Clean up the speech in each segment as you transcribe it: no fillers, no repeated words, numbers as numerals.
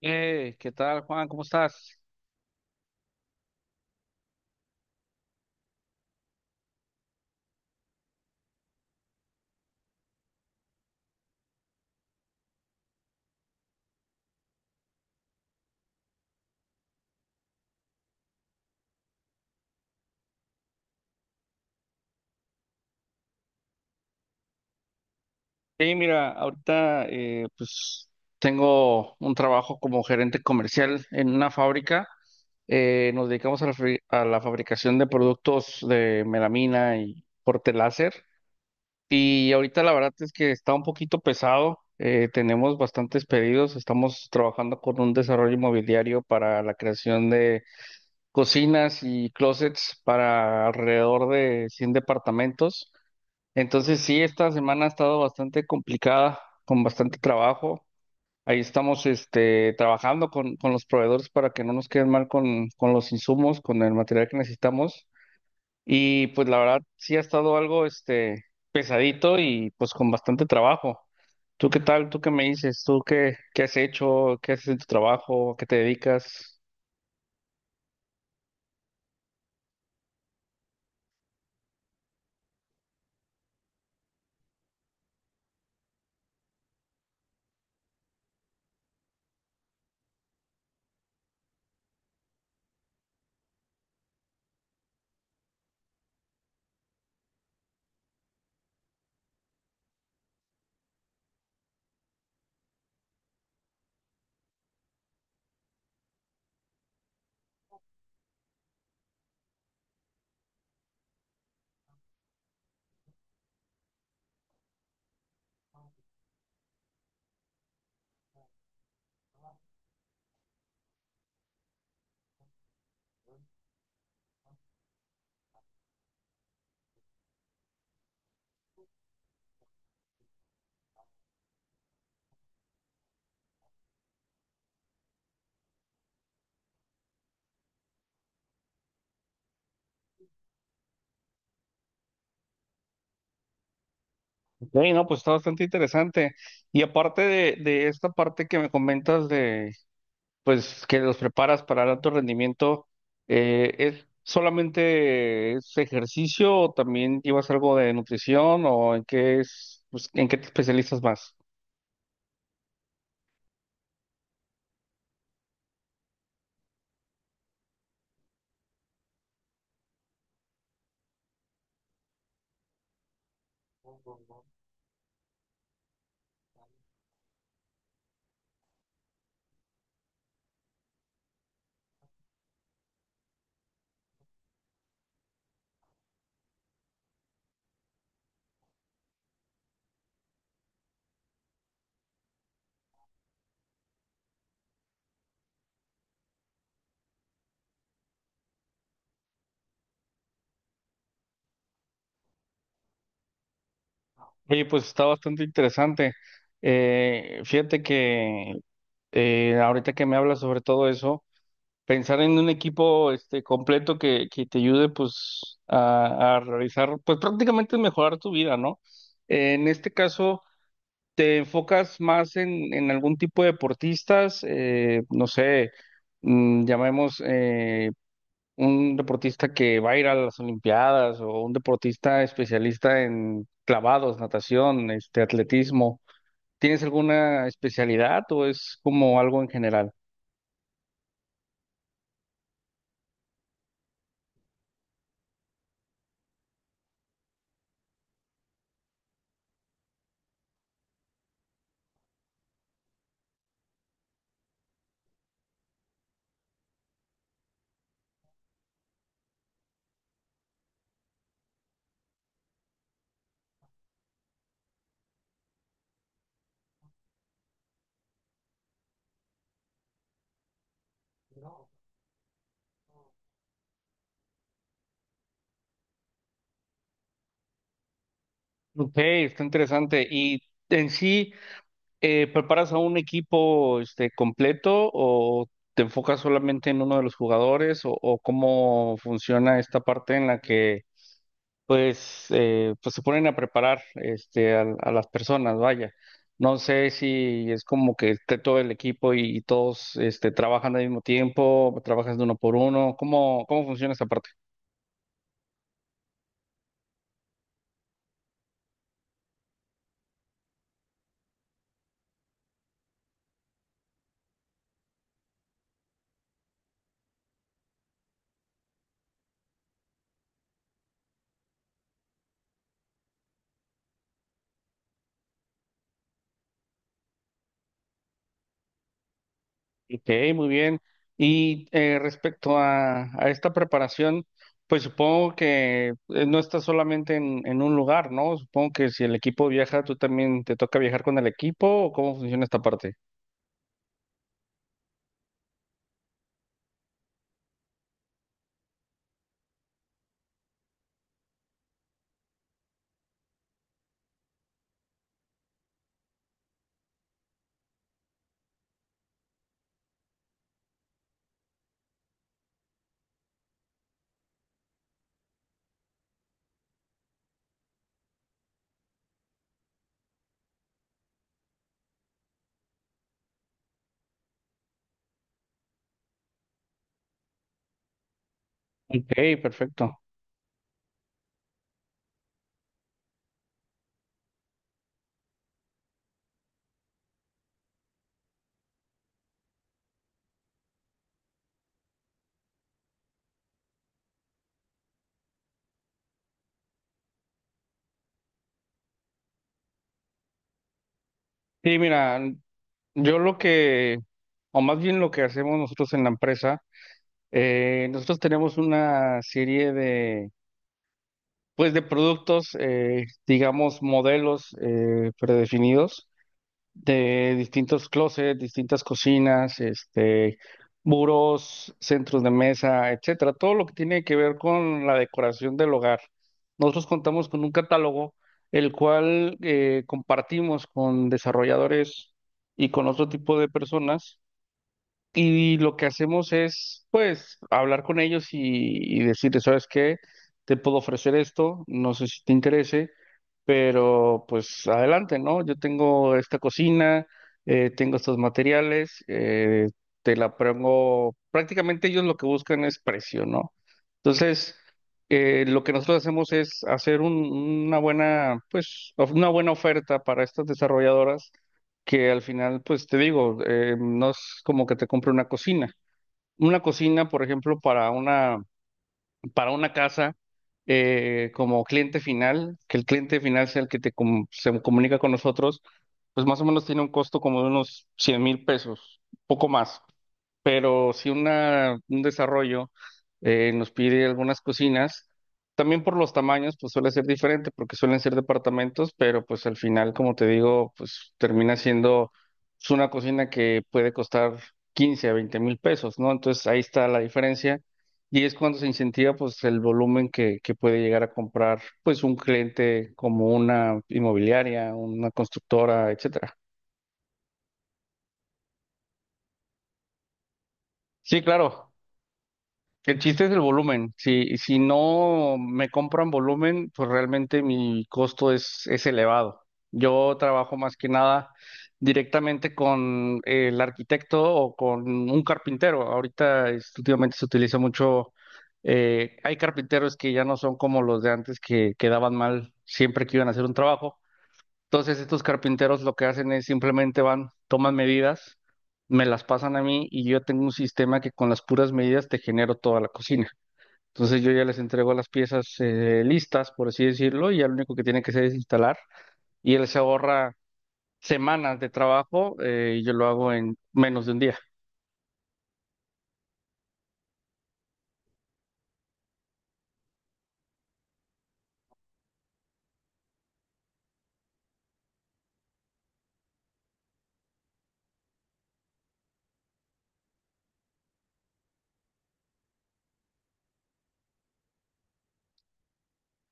¿Qué tal, Juan? ¿Cómo estás? Hey, mira, ahorita pues tengo un trabajo como gerente comercial en una fábrica. Nos dedicamos a a la fabricación de productos de melamina y corte láser. Y ahorita la verdad es que está un poquito pesado. Tenemos bastantes pedidos. Estamos trabajando con un desarrollo inmobiliario para la creación de cocinas y closets para alrededor de 100 departamentos. Entonces sí, esta semana ha estado bastante complicada, con bastante trabajo. Ahí estamos este, trabajando con los proveedores para que no nos queden mal con los insumos, con el material que necesitamos. Y pues la verdad sí ha estado algo este, pesadito y pues con bastante trabajo. ¿Tú qué tal? ¿Tú qué me dices? ¿Tú qué has hecho? ¿Qué haces en tu trabajo? ¿A qué te dedicas? Ok, no, pues está bastante interesante. Y aparte de esta parte que me comentas de, pues que los preparas para el alto rendimiento, ¿es solamente es ejercicio o también llevas algo de nutrición o en qué es, pues, en qué te especializas más? Oye, pues está bastante interesante. Fíjate que ahorita que me hablas sobre todo eso, pensar en un equipo este completo que te ayude pues a realizar, pues prácticamente mejorar tu vida, ¿no? En este caso, ¿te enfocas más en algún tipo de deportistas? No sé, mm, llamemos un deportista que va a ir a las Olimpiadas o un deportista especialista en clavados, natación, este, atletismo. ¿Tienes alguna especialidad o es como algo en general? Ok, está interesante. Y en sí... ¿Preparas a un equipo este, completo o te enfocas solamente en uno de los jugadores o cómo funciona esta parte en la que pues, pues se ponen a preparar este, las personas, vaya? No sé si es como que esté todo el equipo y todos este, trabajan al mismo tiempo, trabajas de uno por uno, ¿cómo, cómo funciona esta parte? Ok, muy bien. Y respecto a esta preparación, pues supongo que no está solamente en un lugar, ¿no? Supongo que si el equipo viaja, tú también te toca viajar con el equipo, ¿o cómo funciona esta parte? Ok, perfecto. Sí, mira, yo lo que, o más bien lo que hacemos nosotros en la empresa, nosotros tenemos una serie de, pues de productos, digamos, modelos predefinidos de distintos closets, distintas cocinas, este, muros, centros de mesa, etcétera, todo lo que tiene que ver con la decoración del hogar. Nosotros contamos con un catálogo el cual compartimos con desarrolladores y con otro tipo de personas y lo que hacemos es pues hablar con ellos y decirles, ¿sabes qué? Te puedo ofrecer esto, no sé si te interese, pero pues adelante, ¿no? Yo tengo esta cocina, tengo estos materiales, te la pongo, prácticamente ellos lo que buscan es precio, ¿no? Entonces, lo que nosotros hacemos es hacer una buena, pues, una buena oferta para estas desarrolladoras que al final, pues te digo, no es como que te compre una cocina. Una cocina, por ejemplo, para una casa como cliente final, que el cliente final sea el que se comunica con nosotros, pues más o menos tiene un costo como de unos 100,000 pesos, poco más, pero si una, un desarrollo nos pide algunas cocinas, también por los tamaños, pues suele ser diferente, porque suelen ser departamentos, pero pues al final, como te digo, pues termina siendo pues, una cocina que puede costar 15 a 20 mil pesos, ¿no? Entonces ahí está la diferencia. Y es cuando se incentiva pues el volumen que puede llegar a comprar pues un cliente como una inmobiliaria, una constructora, etcétera. Sí, claro. El chiste es el volumen. Si no me compran volumen, pues realmente mi costo es elevado. Yo trabajo más que nada directamente con el arquitecto o con un carpintero. Ahorita, este, últimamente se utiliza mucho, hay carpinteros que ya no son como los de antes que quedaban mal siempre que iban a hacer un trabajo. Entonces estos carpinteros lo que hacen es simplemente van, toman medidas, me las pasan a mí y yo tengo un sistema que con las puras medidas te genero toda la cocina. Entonces yo ya les entrego las piezas listas, por así decirlo, y ya lo único que tiene que hacer es instalar y él se ahorra semanas de trabajo y yo lo hago en menos de un día.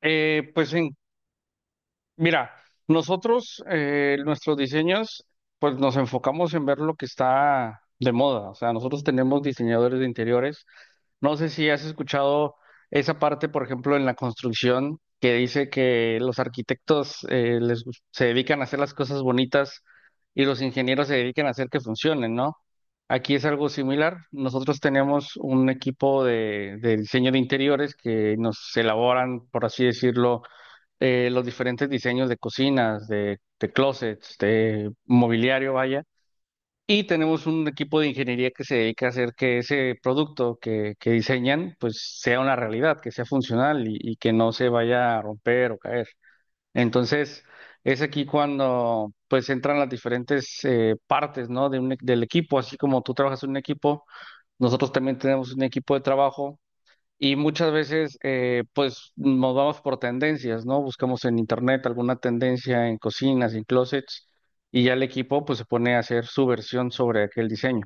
Pues en... Mira, nosotros, nuestros diseños, pues nos enfocamos en ver lo que está de moda. O sea, nosotros tenemos diseñadores de interiores. No sé si has escuchado esa parte, por ejemplo, en la construcción, que dice que los arquitectos se dedican a hacer las cosas bonitas y los ingenieros se dedican a hacer que funcionen, ¿no? Aquí es algo similar. Nosotros tenemos un equipo de diseño de interiores que nos elaboran, por así decirlo, los diferentes diseños de cocinas, de closets, de mobiliario, vaya. Y tenemos un equipo de ingeniería que se dedica a hacer que ese producto que diseñan, pues sea una realidad, que sea funcional y que no se vaya a romper o caer. Entonces, es aquí cuando pues entran las diferentes partes, ¿no? De del equipo, así como tú trabajas en un equipo, nosotros también tenemos un equipo de trabajo y muchas veces, pues nos vamos por tendencias, ¿no? Buscamos en internet alguna tendencia en cocinas, en closets, y ya el equipo, pues se pone a hacer su versión sobre aquel diseño.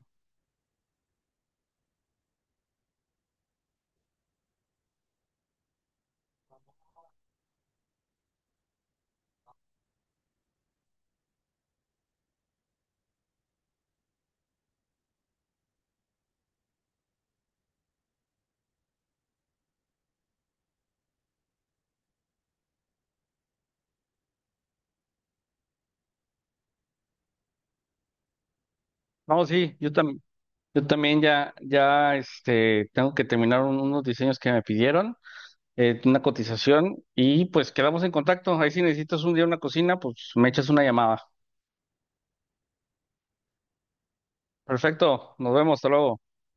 No, sí, yo también. Yo también ya, ya este, tengo que terminar unos diseños que me pidieron, una cotización, y pues quedamos en contacto. Ahí si necesitas un día una cocina, pues me echas una llamada. Perfecto, nos vemos, hasta luego.